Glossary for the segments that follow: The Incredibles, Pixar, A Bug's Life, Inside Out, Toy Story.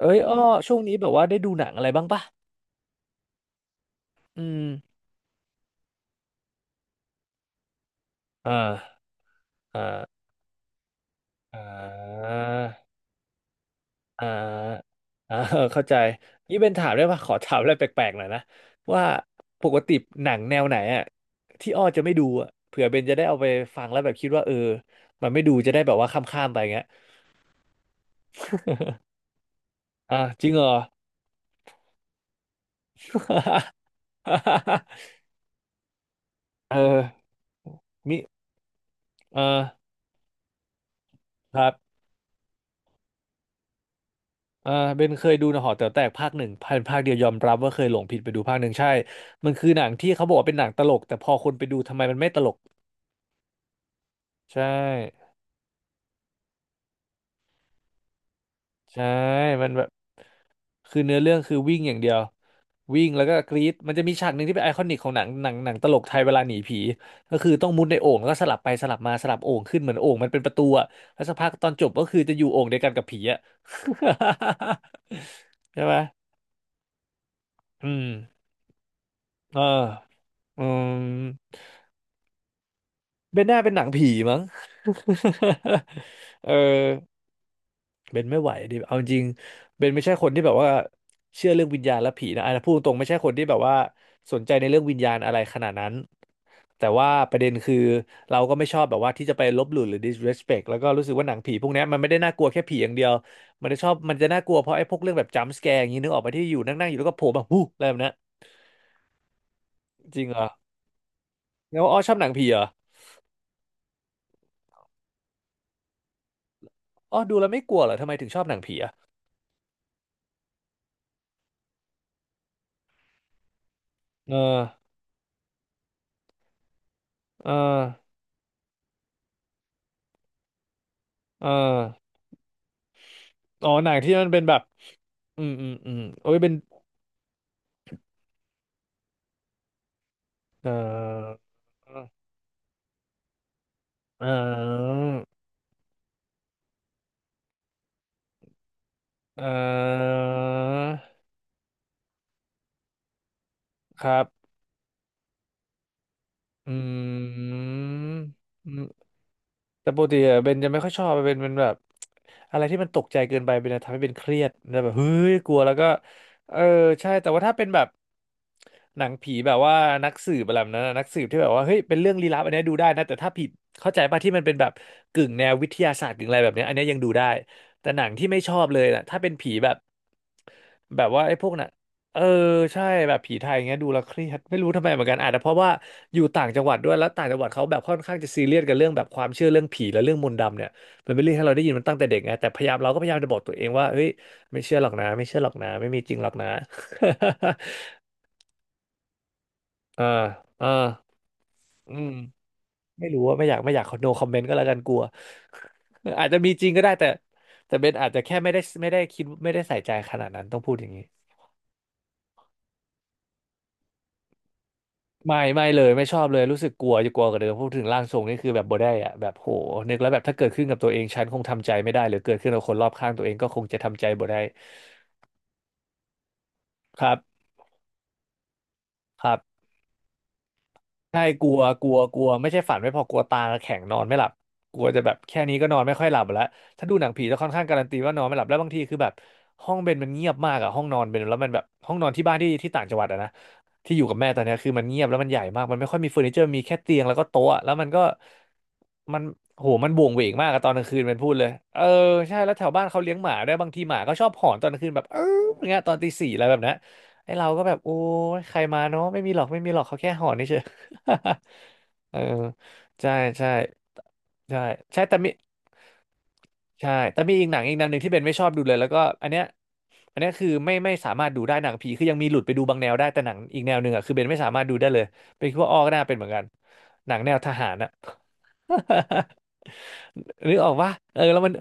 เอ้ยอ้อช่วงนี้แบบว่าได้ดูหนังอะไรบ้างปะอืมอ่าอ่าอ่าอ่าอ่า เข้าใจนี่เป็นถามได้ปะขอถามอะไรแปลกๆหน่อยนะว่าปกติหนังแนวไหนอะที่อ้อจะไม่ดูอะเผื่อเบนจะได้เอาไปฟังแล้วแบบคิดว่าเออมันไม่ดูจะได้แบบว่าข้ามๆไปเงี้ยอ่ะจริงเหรอ เออมีเออครับ อ่าเบนเคยดูนะหอแต๋วแตกภาคหนึ่งพันภาคเดียวยอมรับว่าเคยหลงผิดไปดูภาคหนึ่งใช่มันคือหนังที่เขาบอกว่าเป็นหนังตลกแต่พอคนไปดูทำไมมันไม่ตลกใช่ใช่มันแบบคือเนื้อเรื่องคือวิ่งอย่างเดียววิ่งแล้วก็กรี๊ดมันจะมีฉากหนึ่งที่เป็นไอคอนิกของหนังตลกไทยเวลาหนีผีก็คือต้องมุดในโอ่งแล้วก็สลับไปสลับมาสลับโอ่งขึ้นเหมือนโอ่งมันเป็นประตูอะแล้วสักพักตอนจบก็คือจะอยู่โอ่งเดียวกันกับผีอะ ใช่ไหมอืมเอออืม เบนน่าเป็นหนังผีมั้ง เออเบนไม่ไหวดิเอาจริงๆเบนไม่ใช่คนที่แบบว่าเชื่อเรื่องวิญญาณและผีนะอันนั้นพูดตรงๆไม่ใช่คนที่แบบว่าสนใจในเรื่องวิญญาณอะไรขนาดนั้นแต่ว่าประเด็นคือเราก็ไม่ชอบแบบว่าที่จะไปลบหลู่หรือ disrespect แล้วก็รู้สึกว่าหนังผีพวกเนี้ยมันไม่ได้น่ากลัวแค่ผีอย่างเดียวมันจะชอบมันจะน่ากลัวเพราะไอ้พวกเรื่องแบบ jump scare อย่างนี้นึกออกไปที่อยู่นั่งๆอยู่แล้วก็โผล่แบบหูอะไรแบบนั้นจริงเหรอแล้วอ้อชอบหนังผีเหรออ้อดูแล้วไม่กลัวเหรอทำไมถึงชอบหนังผีอะเออเออ เอ่อ๋อหนังที่มันเป็นแบบอืมอืมอืมโอ้ยเป็นเอ่อเอ่อเออครับอืม แต่ปกติอะเบนจะไม่ค่อยชอบเป็นแบบอะไรที่มันตกใจเกินไปเป็นจะทำให้เบนเครียดแล้วแบบเฮ้ยกลัวแล้วก็เออใช่แต่ว่าถ้าเป็นแบบหนังผีแบบว่านักสืบอะไรแบบนั้นอะนักสืบที่แบบว่าเฮ้ยเป็นเรื่องลี้ลับอันเนี้ยดูได้นะแต่ถ้าผิดเข้าใจป่ะที่มันเป็นแบบกึ่งแนววิทยาศาสตร์กึ่งอะไรแบบเนี้ยอันเนี้ยยังดูได้แต่หนังที่ไม่ชอบเลยนะถ้าเป็นผีแบบแบบว่าไอ้พวกน่ะ เออใช่แบบผีไทยเงี้ยดูแล้วเครียดไม่รู้ทำไมเหมือนกันอาจจะเพราะว่าอยู่ต่างจังหวัดด้วยแล้วต่างจังหวัดเขาแบบค่อนข้างจะซีเรียสกับเรื่องแบบความเชื่อเรื่องผีและเรื่องมนต์ดำเนี่ยมันเป็นเรื่องที่เราได้ยินมันตั้งแต่เด็กไงแต่พยายามเราก็พยายามจะบอกตัวเองว่าเฮ้ยไม่เชื่อหรอกนะไม่เชื่อหรอกนะไม่มีจริงหรอกนะ อ่าอ่าอืมไม่รู้ว่าไม่อยากโนคอมเมนต์ก็แล้วกันกลัว อาจจะมีจริงก็ได้แต่แต่เบนอาจจะแค่ไม่ได้คิดไม่ได้ใส่ใจขนาดนั้นต้องพูดอย่างนี้ ไม่เลยไม่ชอบเลยรู้สึกกลัวจะกลัวกว่าเดิมพูดถึงร่างทรงนี่คือแบบบ่ได้อะแบบโหนึกแล้วแบบถ้าเกิดขึ้นกับตัวเองฉันคงทำใจไม่ได้หรือเกิดขึ้นกับคนรอบข้างตัวเองก็คงจะทำใจบ่ได้ครับครับ ใช่กลัวกลัวกลัวไม่ใช่ฝันไม่พอกลัวตาแข็งนอนไม่หลับกลัวจะแบบแค่นี้ก็นอนไม่ค่อยหลับแล้วถ้าดูหนังผีจะค่อนข้างการันตีว่านอนไม่หลับแล้วบางทีคือแบบห้องเบนมันเงียบมากอะห้องนอนเบนแล้วมันแบบห้องนอนที่บ้านที่ต่างจังหวัดอะนะที่อยู่กับแม่ตอนเนี้ยคือมันเงียบแล้วมันใหญ่มากมันไม่ค่อยมีเฟอร์นิเจอร์มีแค่เตียงแล้วก็โต๊ะแล้วมันก็มันโหมันโหวงเหวงมากอะตอนกลางคืนมันพูดเลยเออใช่แล้วแถวบ้านเขาเลี้ยงหมาด้วยบางทีหมาก็ชอบหอนตอนกลางคืนแบบเอออย่างเงี้ยตอนตีสี่อะไรแบบนั้นไอ้เราก็แบบโอ้ยใครมาเนาะไม่มีหรอกไม่มีหรอกเขาแค่หอนเฉย เออใช่ใช่ใช่ใช่แต่มีใช่แต่มีอีกหนังอีกแนวหนึ่งที่เบนไม่ชอบดูเลยแล้วก็อันเนี้ยคือไม่สามารถดูได้หนังผีคือยังมีหลุดไปดูบางแนวได้แต่หนังอีกแนวหนึ่งอ่ะคือเบนไม่สามารถดูได้เลยเป็นคิดว่าอ้อก็น่าเป็นเหมือนกันหนังแนวทหารอ่ะ นึกออกว่าเออแล้วมัน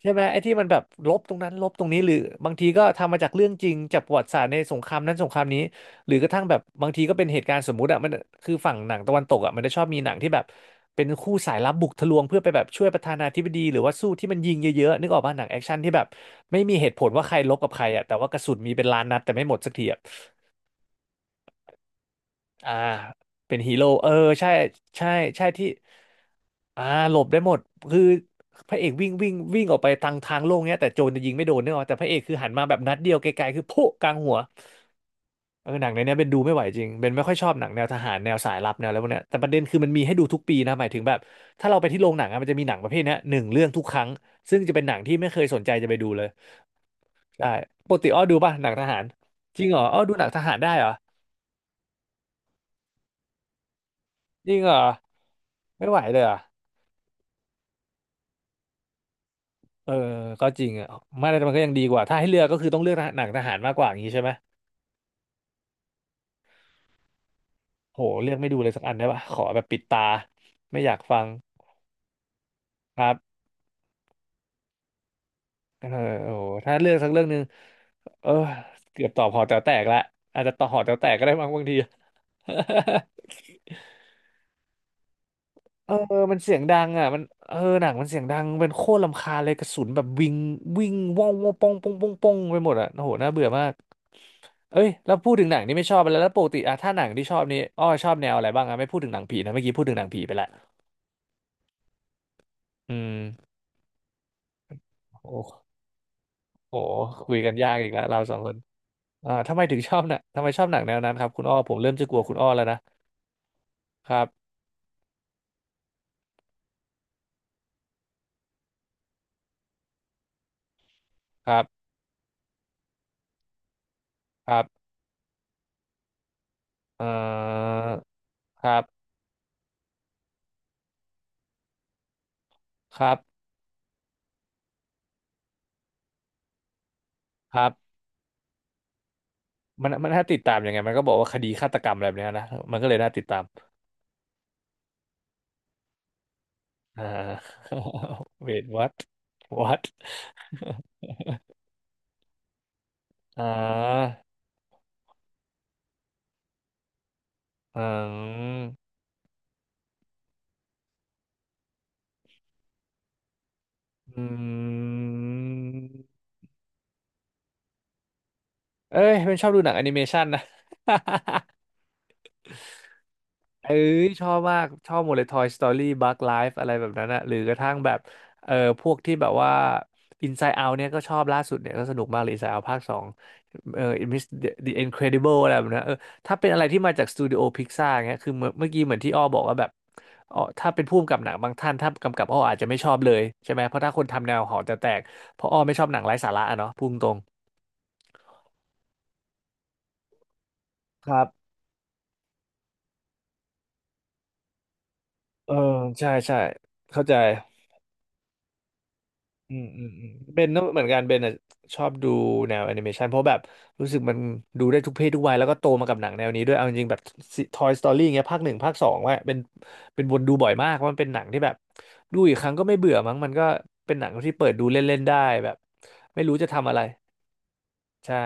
ใช่ไหมไอ้ที่มันแบบลบตรงนั้นลบตรงนี้หรือบางทีก็ทำมาจากเรื่องจริงจากประวัติศาสตร์ในสงครามนั้นสงครามนี้ หรือกระทั่งแบบบางทีก็เป็นเหตุการณ์สมมุติอะมันคือฝั่งหนังตะวันตกอะมันจะชอบมีหนังที่แบบเป็นคู่สายลับบุกทะลวงเพื่อไปแบบช่วยประธานาธิบดีหรือว่าสู้ที่มันยิงเยอะๆนึกออกป่ะหนังแอคชั่นที่แบบไม่มีเหตุผลว่าใครลบกับใครอะแต่ว่ากระสุนมีเป็นล้านนัดแต่ไม่หมดสักทีอะอ่าเป็นฮีโร่เออใช่ใช่ใช่ที่อ่าหลบได้หมดคือพระเอกวิ่งวิ่งวิ่งออกไปทางโล่งเนี้ยแต่โจรจะยิงไม่โดนเนกออกแต่พระเอกคือหันมาแบบนัดเดียวไกลๆคือพุกลางหัว เออหนังในเนี้ยเบนดูไม่ไหวจริงเบนไม่ค่อยชอบหนังแนวทหารแนวสายลับแนวอะไรพวกเนี้ยแต่ประเด็นคือมันมีให้ดูทุกปีนะหมายถึงแบบถ้าเราไปที่โรงหนังอะมันจะมีหนังประเภทเนี้ยหนึ่งเรื่องทุกครั้งซึ่งจะเป็นหนังที่ไม่เคยสนใจจะไปดูเลยใช่ปกติอ้อดูป่ะหนังทหารจริงเหรออ้อดูหนังทหารได้เหรอจริงเหรอไม่ไหวเลยเหรอเออก็จริงอ่ะไม่แต่มันก็ยังดีกว่าถ้าให้เลือกก็คือต้องเลือกหนังทหารมากกว่าอย่างนี้ใช่ไหมโหเลือกไม่ดูเลยสักอันได้ป่ะขอแบบปิดตาไม่อยากฟังครับ เออโอ้โหถ้าเลือกสักเรื่องหนึ่งเออเกือบตอบหอแต๋วแตกละอาจจะตอบหอแต๋วแตกก็ได้บางที เออมันเสียงดังอ่ะมันเออหนังมันเสียงดังเป็นโคตรรำคาญเลยกระสุนแบบวิ่งวิ่งว่องว่องป่องป่องป่องป่องไปหมดอ่ะโอ้โหน่าเบื่อมากเอ้ยแล้วพูดถึงหนังนี่ไม่ชอบไปแล้วแล้วปกติอะถ้าหนังที่ชอบนี่อ้อชอบแนวอะไรบ้างอะไม่พูดถึงหนังผีนะเมื่อกี้พูดถึงหนังผีไปละอืมโอ้โหคุยกันยากอีกแล้วเราสองคนอ่าทำไมถึงชอบหนะทำไมชอบหนังแนวนั้นครับคุณอ้อผมเริ่มจะกลัวคุณอ้อแล้วนะครับ ครับครับเอ่อครับครับครับมันมันน่าติดตามยังไงมันก็บอกว่าคดีฆาตกรรมอะไรแบบเนี้ยนะมันก็เลยน่าติดตามอ่า wait what what อ่าอืมอืมเอ้ยเป็นชอบดูหนังแอนิเมชันนะ เอ้ยชอบมากชอบหมดเลย Toy Story Bug Life อะไรแบบนั้นอะหรือกระทั่งแบบเออพวกที่แบบว่า Inside Out เนี่ยก็ชอบล่าสุดเนี่ยก็สนุกมากเลย Inside Out ภาคสองเออ Miss The Incredible อะไรแบบนั้นเออถ้าเป็นอะไรที่มาจากสตูดิโอพิกซ่าร์เงี้ยคือเมื่อกี้เหมือนที่อ้อบอกว่าแบบอ๋อถ้าเป็นผู้กำกับหนังบางท่านถ้ากำกับอ้ออาจจะไม่ชอบเลยใช่ไหมเพราะถ้าคนทำแนวหอจะแตกเพราะอ้อไม่ชอบหนังไร้สาระอะเนาะพูดตรงครับเออใช่ใช่เข้าใจ อืมอืมอืมเบนก็เหมือนกันเบนอ่ะชอบดูแนวแอนิเมชันเพราะแบบรู้สึกมันดูได้ทุกเพศทุกวัยแล้วก็โตมากับหนังแนวนี้ด้วยเอาจริงๆแบบ Toy Story เงี้ยภาคหนึ่งภาคสองว่าเป็นเป็นวนดูบ่อยมากเพราะมันเป็นหนังที่แบบดูอีกครั้งก็ไม่เบื่อมั้งมันก็เป็นหนังที่เปิดดูเล่นๆได้แบบไม่รู้จะทำอะไรใช่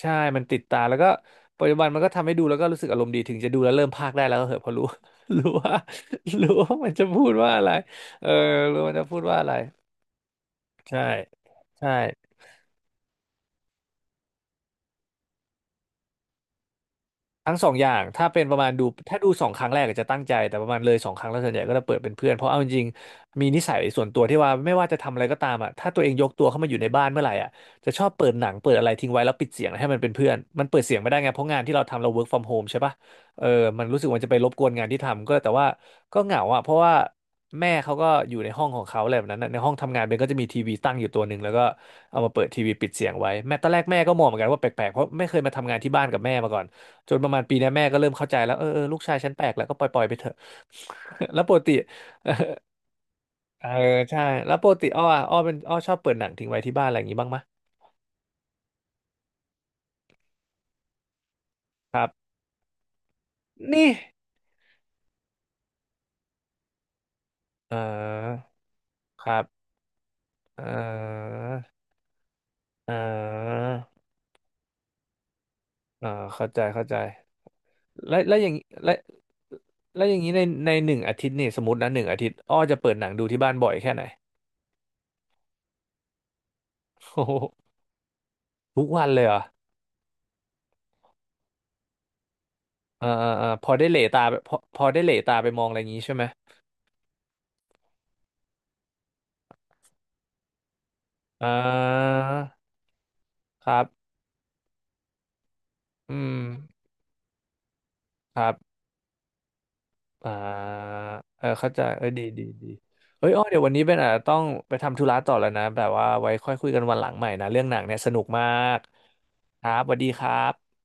ใช่มันติดตาแล้วก็ปัจจุบันมันก็ทำให้ดูแล้วก็รู้สึกอารมณ์ดีถึงจะดูแล้วเริ่มพากย์ได้แล้วก็เหอะเพอรู้ รู้ว่ามันจะพูดว่าอะไรเออรู้ว่ามันจะพูดว่าอะไรใช่ใช่ ทั้งสองอย่างถ้าเป็นประมาณดูถ้าดูสองครั้งแรกอาจจะตั้งใจ แต่ประมาณเลยสองครั้งแล้วส่วนใหญ่ก็จะเปิดเป็นเพื่อน เพราะเอาจริงๆมีนิสัยส่วนตัวที่ว่าไม่ว่าจะทำอะไรก็ตามอ่ะถ้าตัวเองยกตัวเข้ามาอยู่ในบ้านเมื่อไหร่อ่ะจะชอบเปิดหนังเปิดอะไรทิ้งไว้แล้วปิดเสียงให้มันเป็นเพื่อนมันเปิดเสียงไม่ได้ไง เพราะงานที่เราทำเรา work from home ใช่ปะเออมันรู้สึกว่าจะไปรบกวนงานที่ทำก็แต่ว่าก็เหงาอ่ะเพราะว่าแม่เขาก็อยู่ในห้องของเขาอะไรแบบนั้นน่ะในห้องทำงานเบนก็จะมีทีวีตั้งอยู่ตัวหนึ่งแล้วก็เอามาเปิดทีวีปิดเสียงไว้แม่ตอนแรกแม่ก็มองเหมือนกันว่าแปลกๆเพราะไม่เคยมาทำงานที่บ้านกับแม่มาก่อน จนประมาณปีเนี้ยแม่ก็เริ่มเข้าใจแล้วเออเออลูกชายฉันแปลกแล้วก็ปล่อยปล่อยไปเถอะ แล้วปกติ เออใช่แล้วปกติอ้ออะอ้อเป็นอ้อชอบเปิดหนังทิ้งไว้ที่บ้านอะไรอย่างงี้บ้างไหมะครับนี่เออครับเออเออเออเข้าใจเข้าใจแล้วแล้วอย่างแล้วแล้วอย่างนี้ในในหนึ่งอาทิตย์นี่สมมตินะหนึ่งอาทิตย์อ้อจะเปิดหนังดูที่บ้านบ่อยแค่ไหน โอ้โหทุกวันเลยเหรอเออเออเออพอได้เหลตาไปพอได้เหลตาไปมองอะไรอย่างนี้ใช่ไหมอ่าครับ อืมครับอ่าเออเข้าใจเออดีดีดีเอ้ยอ้อเดี๋ยววันนี้เป็นอาจจะต้องไปทำธุระต่อแล้วนะแบบว่าไว้ค่อยคุยกันวันหลังใหม่นะเรื่องหนังเนี่ยสนุกมากครับสวัสดีครับ